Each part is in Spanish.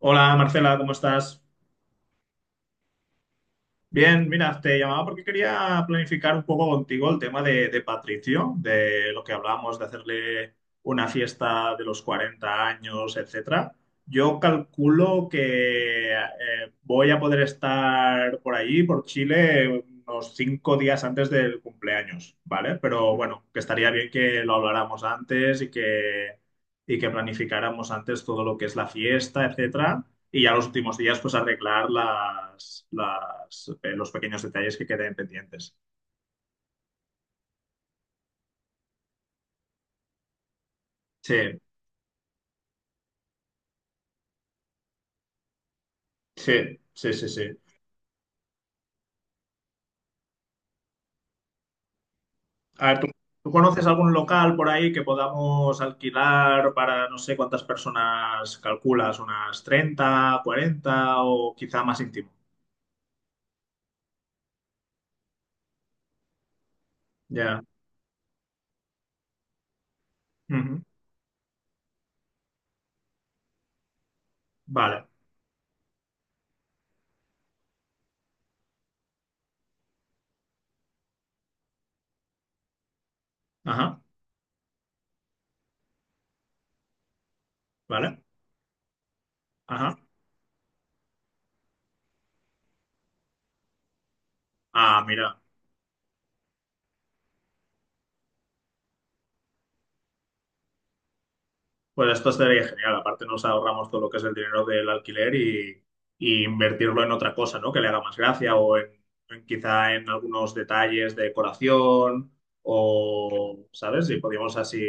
Hola Marcela, ¿cómo estás? Bien, mira, te llamaba porque quería planificar un poco contigo el tema de Patricio, de lo que hablábamos de hacerle una fiesta de los 40 años, etcétera. Yo calculo que voy a poder estar por allí, por Chile, unos 5 días antes del cumpleaños, ¿vale? Pero bueno, que estaría bien que lo habláramos antes y que planificáramos antes todo lo que es la fiesta, etcétera, y ya los últimos días, pues arreglar los pequeños detalles que queden pendientes. Sí, sí, sí, sí, sí. A ver, ¿tú conoces algún local por ahí que podamos alquilar para no sé cuántas personas calculas? ¿Unas 30 40 o quizá más íntimo? Ya. Ujú. Vale. Ajá. Vale. Ajá. Ah, mira. Pues esto sería genial. Aparte nos ahorramos todo lo que es el dinero del alquiler y invertirlo en otra cosa, ¿no? Que le haga más gracia o en quizá en algunos detalles de decoración o, ¿sabes? Y podríamos así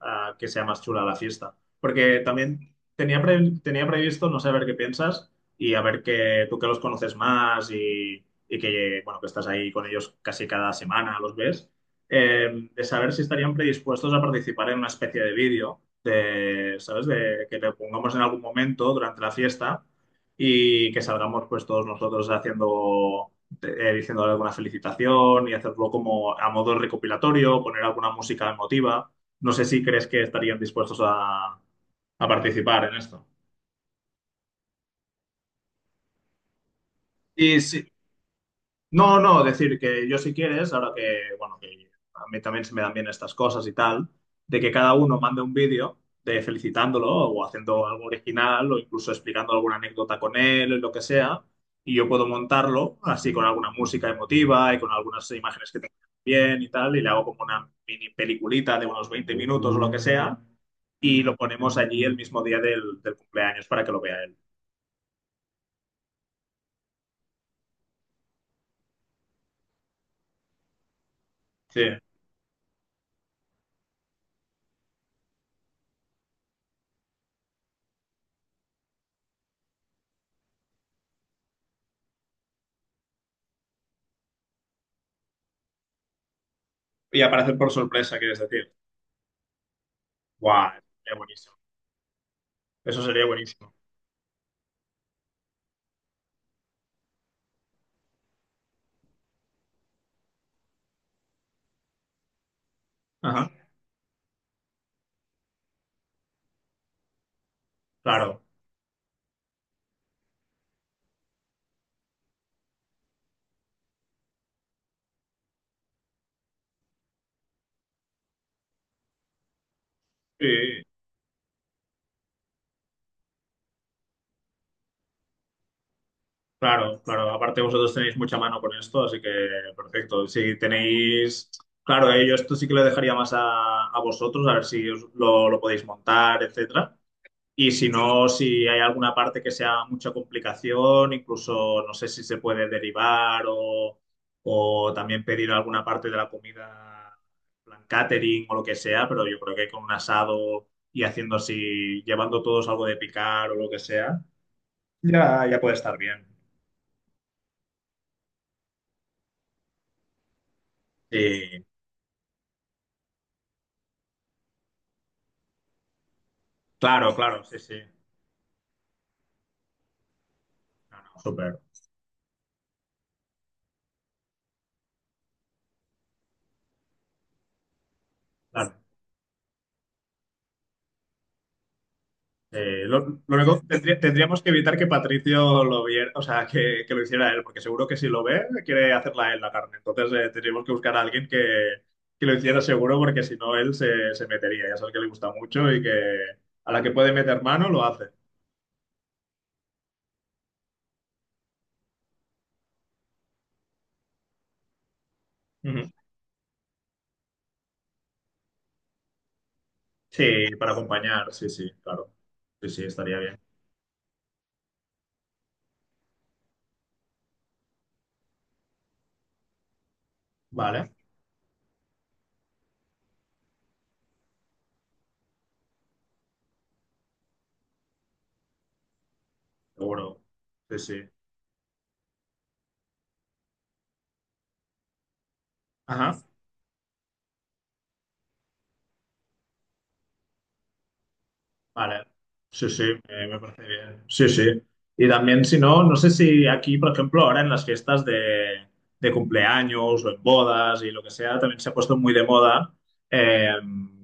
ah, que sea más chula la fiesta. Porque también tenía previsto, no sé, a ver qué piensas y a ver que tú que los conoces más y que, bueno, que estás ahí con ellos casi cada semana, los ves, de saber si estarían predispuestos a participar en una especie de vídeo de, ¿sabes? De que le pongamos en algún momento durante la fiesta y que salgamos pues todos nosotros diciéndole alguna felicitación y hacerlo como a modo recopilatorio, poner alguna música emotiva. No sé si crees que estarían dispuestos a participar en esto. Sí, sí, no, no, decir que yo si quieres, ahora que, bueno, que a mí también se me dan bien estas cosas y tal, de que cada uno mande un vídeo de felicitándolo o haciendo algo original o incluso explicando alguna anécdota con él, lo que sea, y yo puedo montarlo así con alguna música emotiva y con algunas imágenes que tengo bien y tal, y le hago como una mini peliculita de unos 20 minutos o lo que sea, y lo ponemos allí el mismo día del cumpleaños para que lo vea él. Sí, y aparecer por sorpresa, quieres decir. ¡Guau! Sería buenísimo. Eso sería buenísimo. Ajá, claro, sí, claro, claro. Aparte vosotros tenéis mucha mano con esto, así que perfecto. Si tenéis, claro, yo esto sí que lo dejaría más a vosotros, a ver si os lo podéis montar, etcétera. Y si no, si hay alguna parte que sea mucha complicación, incluso no sé si se puede derivar o también pedir alguna parte de la comida, en plan catering o lo que sea, pero yo creo que con un asado y haciendo así, llevando todos algo de picar o lo que sea. Ya, ya puede estar bien. Sí, claro, claro, sí, sí. No, no, súper. Claro. Eh, lo, lo único, que tendríamos que evitar que Patricio lo viera, o sea, que lo hiciera él, porque seguro que si lo ve, quiere hacerla él la carne. Entonces, tendríamos que buscar a alguien que lo hiciera seguro, porque si no, él se metería. Ya sabes que le gusta mucho y que a la que puede meter mano, lo hace. Ujú. Sí, para acompañar, sí, sí, claro. Sí, sí, estaría bien. Vale, seguro. Sí, sí. Ajá. Vale, sí, sí, me parece bien. Sí, sí. Y también, si no, no sé si aquí, por ejemplo, ahora en las fiestas de cumpleaños o en bodas y lo que sea, también se ha puesto muy de moda eh,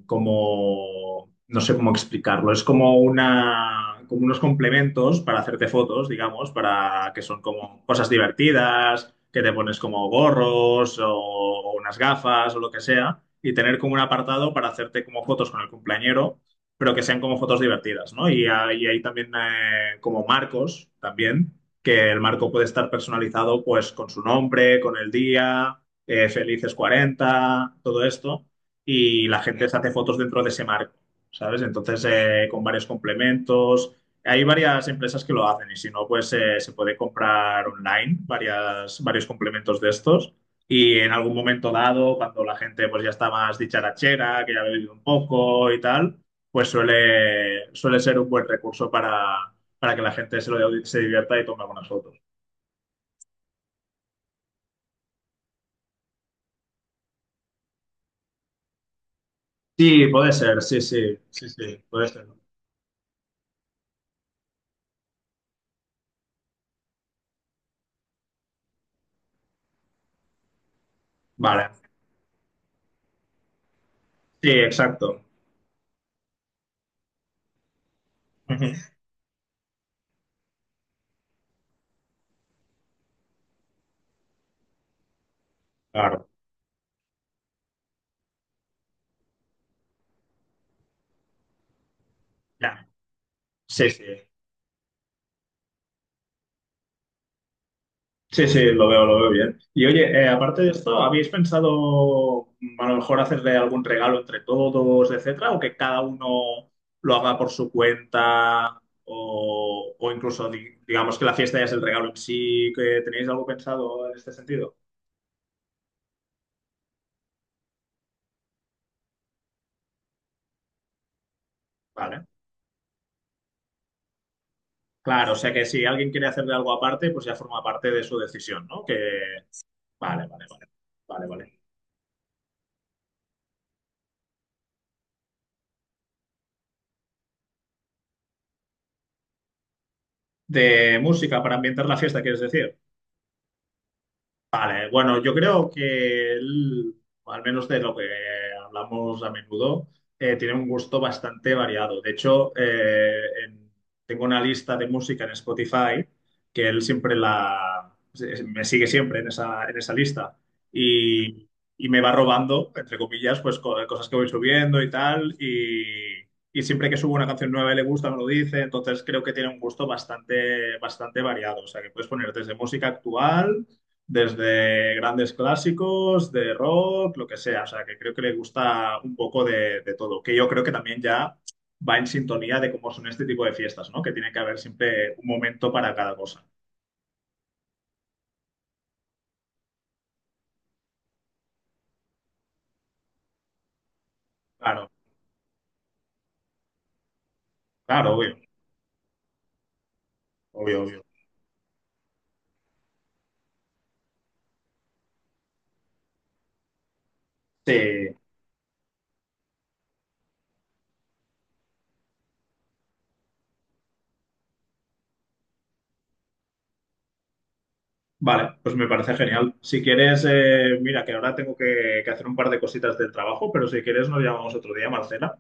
como, no sé cómo explicarlo, es como una, como unos complementos para hacerte fotos, digamos, para que son como cosas divertidas, que te pones como gorros o unas gafas o lo que sea, y tener como un apartado para hacerte como fotos con el cumpleañero pero que sean como fotos divertidas, ¿no? Y hay también como marcos también, que el marco puede estar personalizado pues con su nombre, con el día, felices 40, todo esto, y la gente se hace fotos dentro de ese marco, ¿sabes? Entonces, con varios complementos. Hay varias empresas que lo hacen y si no, pues se puede comprar online varias, varios complementos de estos. Y en algún momento dado, cuando la gente pues ya está más dicharachera, que ya ha bebido un poco y tal, pues suele, suele ser un buen recurso para que la gente se divierta y tome algunas fotos. Sí, puede ser, sí, sí, sí, sí, puede ser. Vale, sí, exacto. Ujú. Claro, ya, sí, sí. Sí, sí, lo veo bien. Y oye, aparte de esto, ¿habéis pensado mm, a lo mejor hacerle algún regalo entre todos, etcétera, o que cada uno lo haga por su cuenta, o incluso digamos que la fiesta ya es el regalo en sí, que tenéis algo pensado en este sentido? Vale. Claro, o sea que si alguien quiere hacerle algo aparte, pues ya forma parte de su decisión, ¿no? Que... Vale, vale, vale. Vale, vale. ¿De música para ambientar la fiesta, quieres decir? Vale, bueno, yo creo que él, al menos de lo que hablamos a menudo, tiene un gusto bastante variado. De hecho, tengo una lista de música en Spotify que él siempre la... me sigue siempre en esa lista y, y me va robando, entre comillas, pues cosas que voy subiendo y tal. Y siempre que subo una canción nueva y le gusta, me lo dice. Entonces creo que tiene un gusto bastante, bastante variado. O sea, que puedes poner desde música actual desde grandes clásicos, de rock, lo que sea. O sea, que creo que le gusta un poco de todo, que yo creo que también ya va en sintonía de cómo son este tipo de fiestas, ¿no? Que tiene que haber siempre un momento para cada cosa. Claro, claro, obvio, obvio, obvio. Sí. Vale, pues me parece genial. Si quieres, mira, que ahora tengo que hacer un par de cositas del trabajo, pero si quieres nos llamamos otro día, Marcela,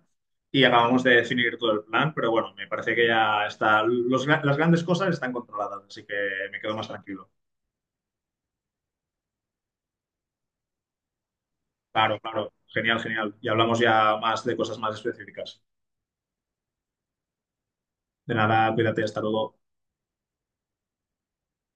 y acabamos de definir todo el plan, pero bueno, me parece que ya está, las grandes cosas están controladas, así que me quedo más tranquilo. Claro, claro. Genial, genial. Y hablamos ya más de cosas más específicas. De nada, cuídate, hasta luego.